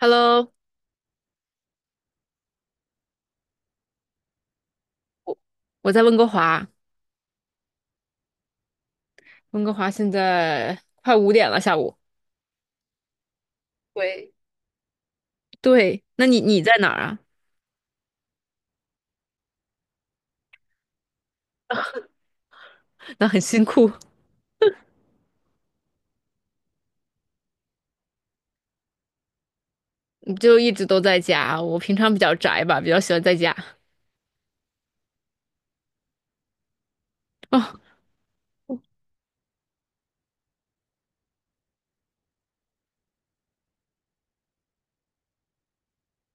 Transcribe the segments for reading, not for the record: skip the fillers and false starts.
Hello，我我在温哥华，温哥华现在快5点了，下午。对，对，那你在哪儿啊？那很辛苦，你就一直都在家。我平常比较宅吧，比较喜欢在家。哦，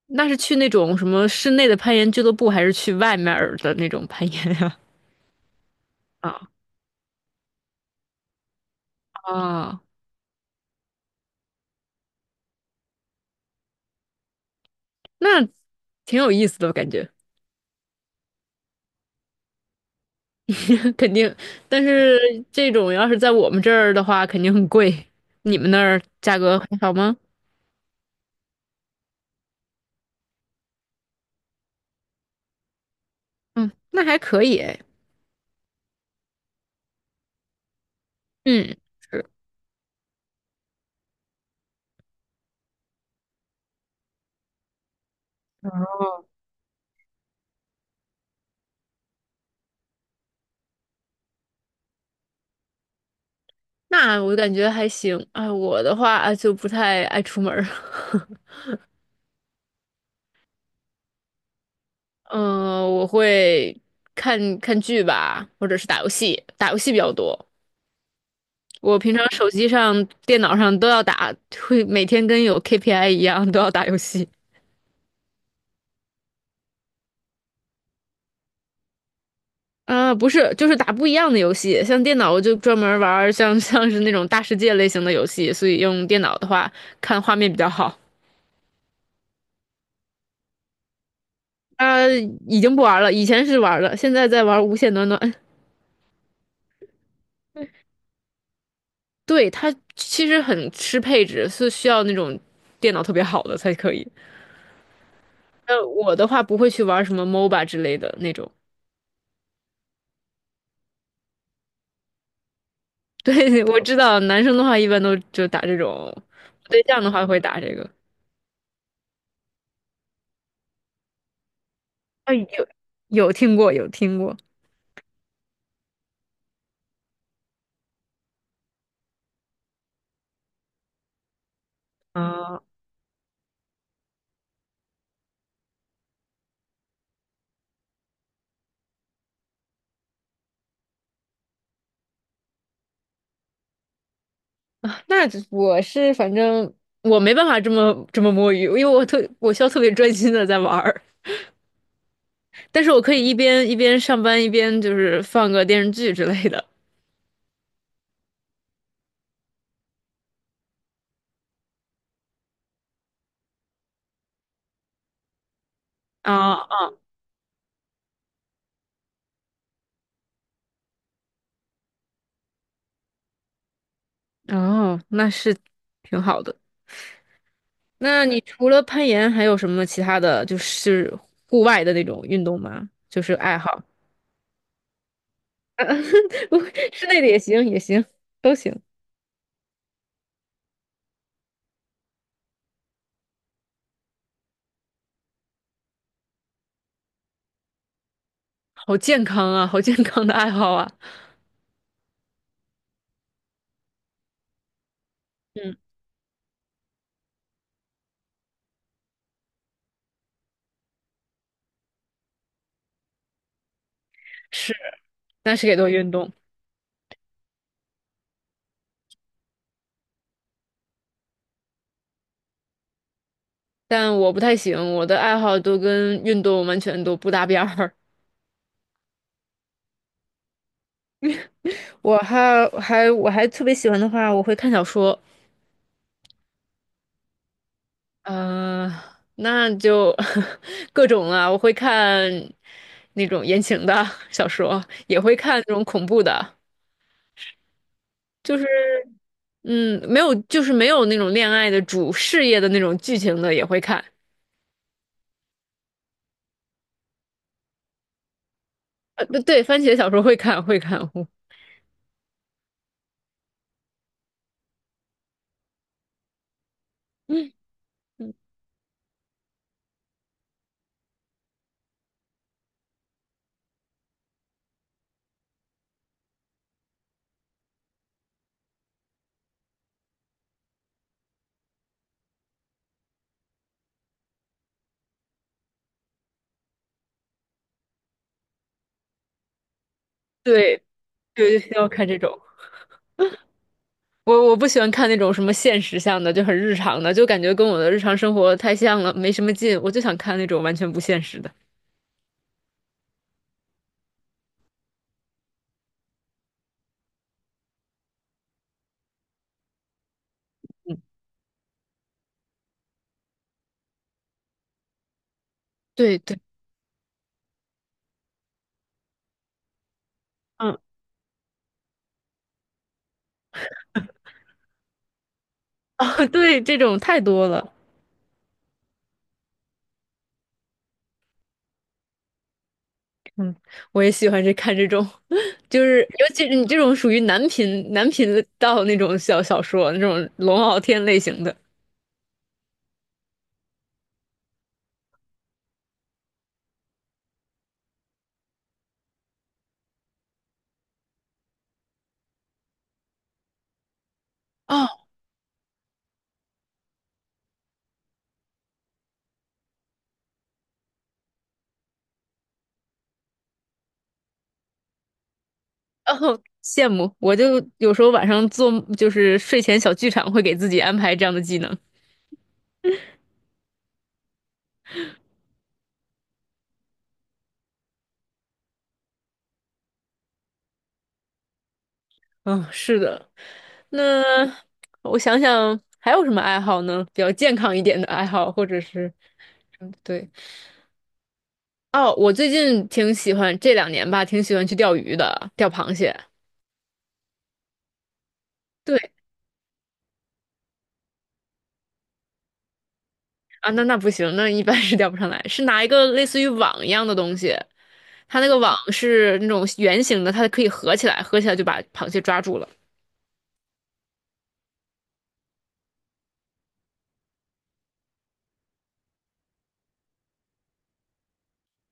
那是去那种什么室内的攀岩俱乐部，还是去外面儿的那种攀岩呀？啊啊，那挺有意思的感觉，肯定。但是这种要是在我们这儿的话，肯定很贵。你们那儿价格还好吗？嗯，那还可以诶。嗯，是，哦那我感觉还行。哎，我的话啊就不太爱出门儿，嗯我会看看剧吧，或者是打游戏，打游戏比较多。我平常手机上、电脑上都要打，会每天跟有 KPI 一样都要打游戏。啊、不是，就是打不一样的游戏。像电脑，我就专门玩儿像是那种大世界类型的游戏，所以用电脑的话，看画面比较好。啊、已经不玩了，以前是玩了，现在在玩《无限暖暖》。对，它其实很吃配置，是需要那种电脑特别好的才可以。那我的话不会去玩什么 MOBA 之类的那种。对，我知道男生的话一般都就打这种，我对象的话会打这个。啊，有有听过，有听过。啊，那我是反正我没办法这么摸鱼，因为我需要特别专心的在玩儿。但是我可以一边上班一边就是放个电视剧之类的。啊啊，哦，那是挺好的。那你除了攀岩，还有什么其他的就是户外的那种运动吗？就是爱好，室内的也行，也行，都行。好健康啊，好健康的爱好啊。嗯，是，但是也都运动，但我不太行，我的爱好都跟运动完全都不搭边儿。我还特别喜欢的话，我会看小说。嗯，那就 各种啊，我会看那种言情的 小说，也会看那种恐怖的，就是嗯，没有，就是没有那种恋爱的主事业的那种剧情的也会看。对，对番茄小说会看，会看，嗯，对，对，就是要看这种。我不喜欢看那种什么现实向的，就很日常的，就感觉跟我的日常生活太像了，没什么劲。我就想看那种完全不现实的。嗯，对对，嗯，啊，对，这种太多了。嗯，我也喜欢这看这种，就是尤其是你这种属于男频道那种小说，那种龙傲天类型的，哦，哦，羡慕。我就有时候晚上做就是睡前小剧场，会给自己安排这样的技能。嗯，是的。那我想想还有什么爱好呢？比较健康一点的爱好，或者是嗯，对哦，我最近挺喜欢这两年吧，挺喜欢去钓鱼的，钓螃蟹。对。啊，那那不行，那一般是 钓不上来。是拿一个类似于网一样的东西，它那个网是那种圆形的，它可以合起来，合起来就把螃蟹抓住了。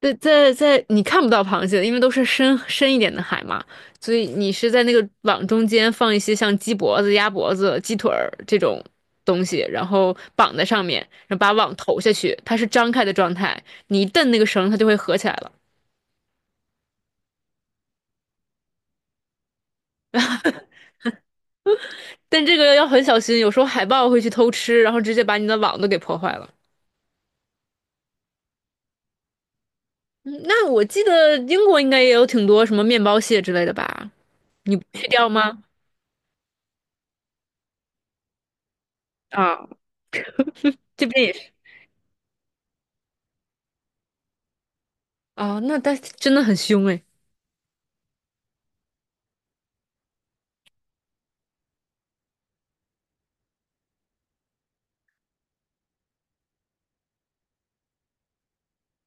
在，你看不到螃蟹，因为都是深深一点的海嘛，所以你是在那个网中间放一些像鸡脖子、鸭脖子、鸡腿儿这种东西，然后绑在上面，然后把网投下去，它是张开的状态，你一蹬那个绳，它就会合起来了。但这个要很小心，有时候海豹会去偷吃，然后直接把你的网都给破坏了。嗯那我记得英国应该也有挺多什么面包蟹之类的吧？你不去钓吗？啊，这边也是。啊。那它真的很凶哎。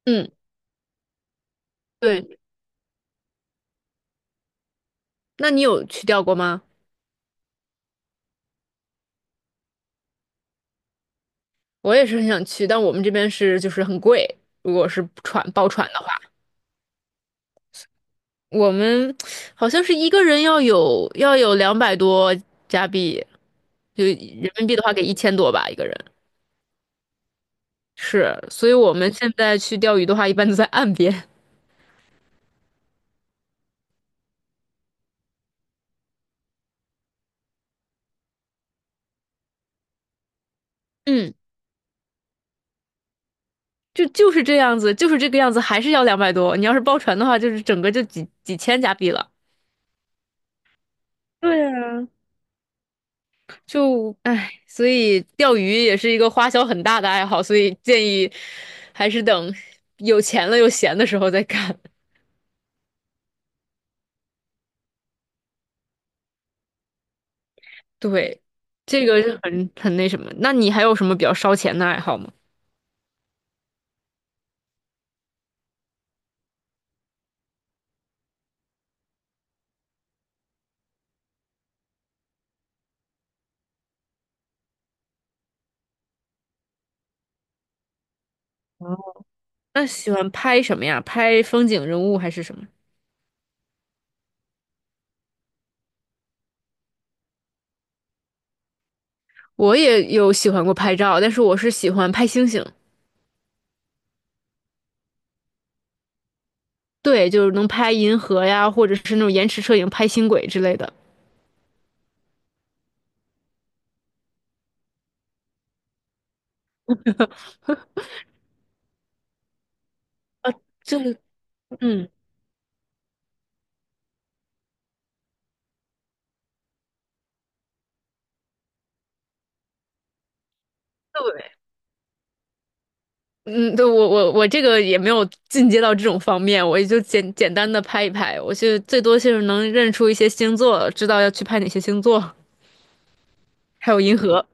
嗯，对，那你有去钓过吗？我也是很想去，但我们这边是就是很贵，如果是船包船的话，我们好像是一个人要有两百多加币，就人民币的话给1000多吧一个人。是，所以我们现在去钓鱼的话，一般都在岸边。嗯，就就是这样子，就是这个样子，还是要两百多。你要是包船的话，就是整个就几几千加币了。对啊，就唉，所以钓鱼也是一个花销很大的爱好，所以建议还是等有钱了又闲的时候再干。对，这个是很那什么。那你还有什么比较烧钱的爱好吗？那喜欢拍什么呀？拍风景、人物还是什么？我也有喜欢过拍照，但是我是喜欢拍星星。对，就是能拍银河呀，或者是那种延迟摄影拍星轨之类的。就嗯，对，嗯，对我这个也没有进阶到这种方面，我也就简简单的拍一拍，我就最多就是能认出一些星座，知道要去拍哪些星座，还有银河。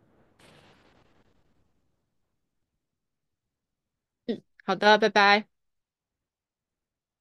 好的，拜拜。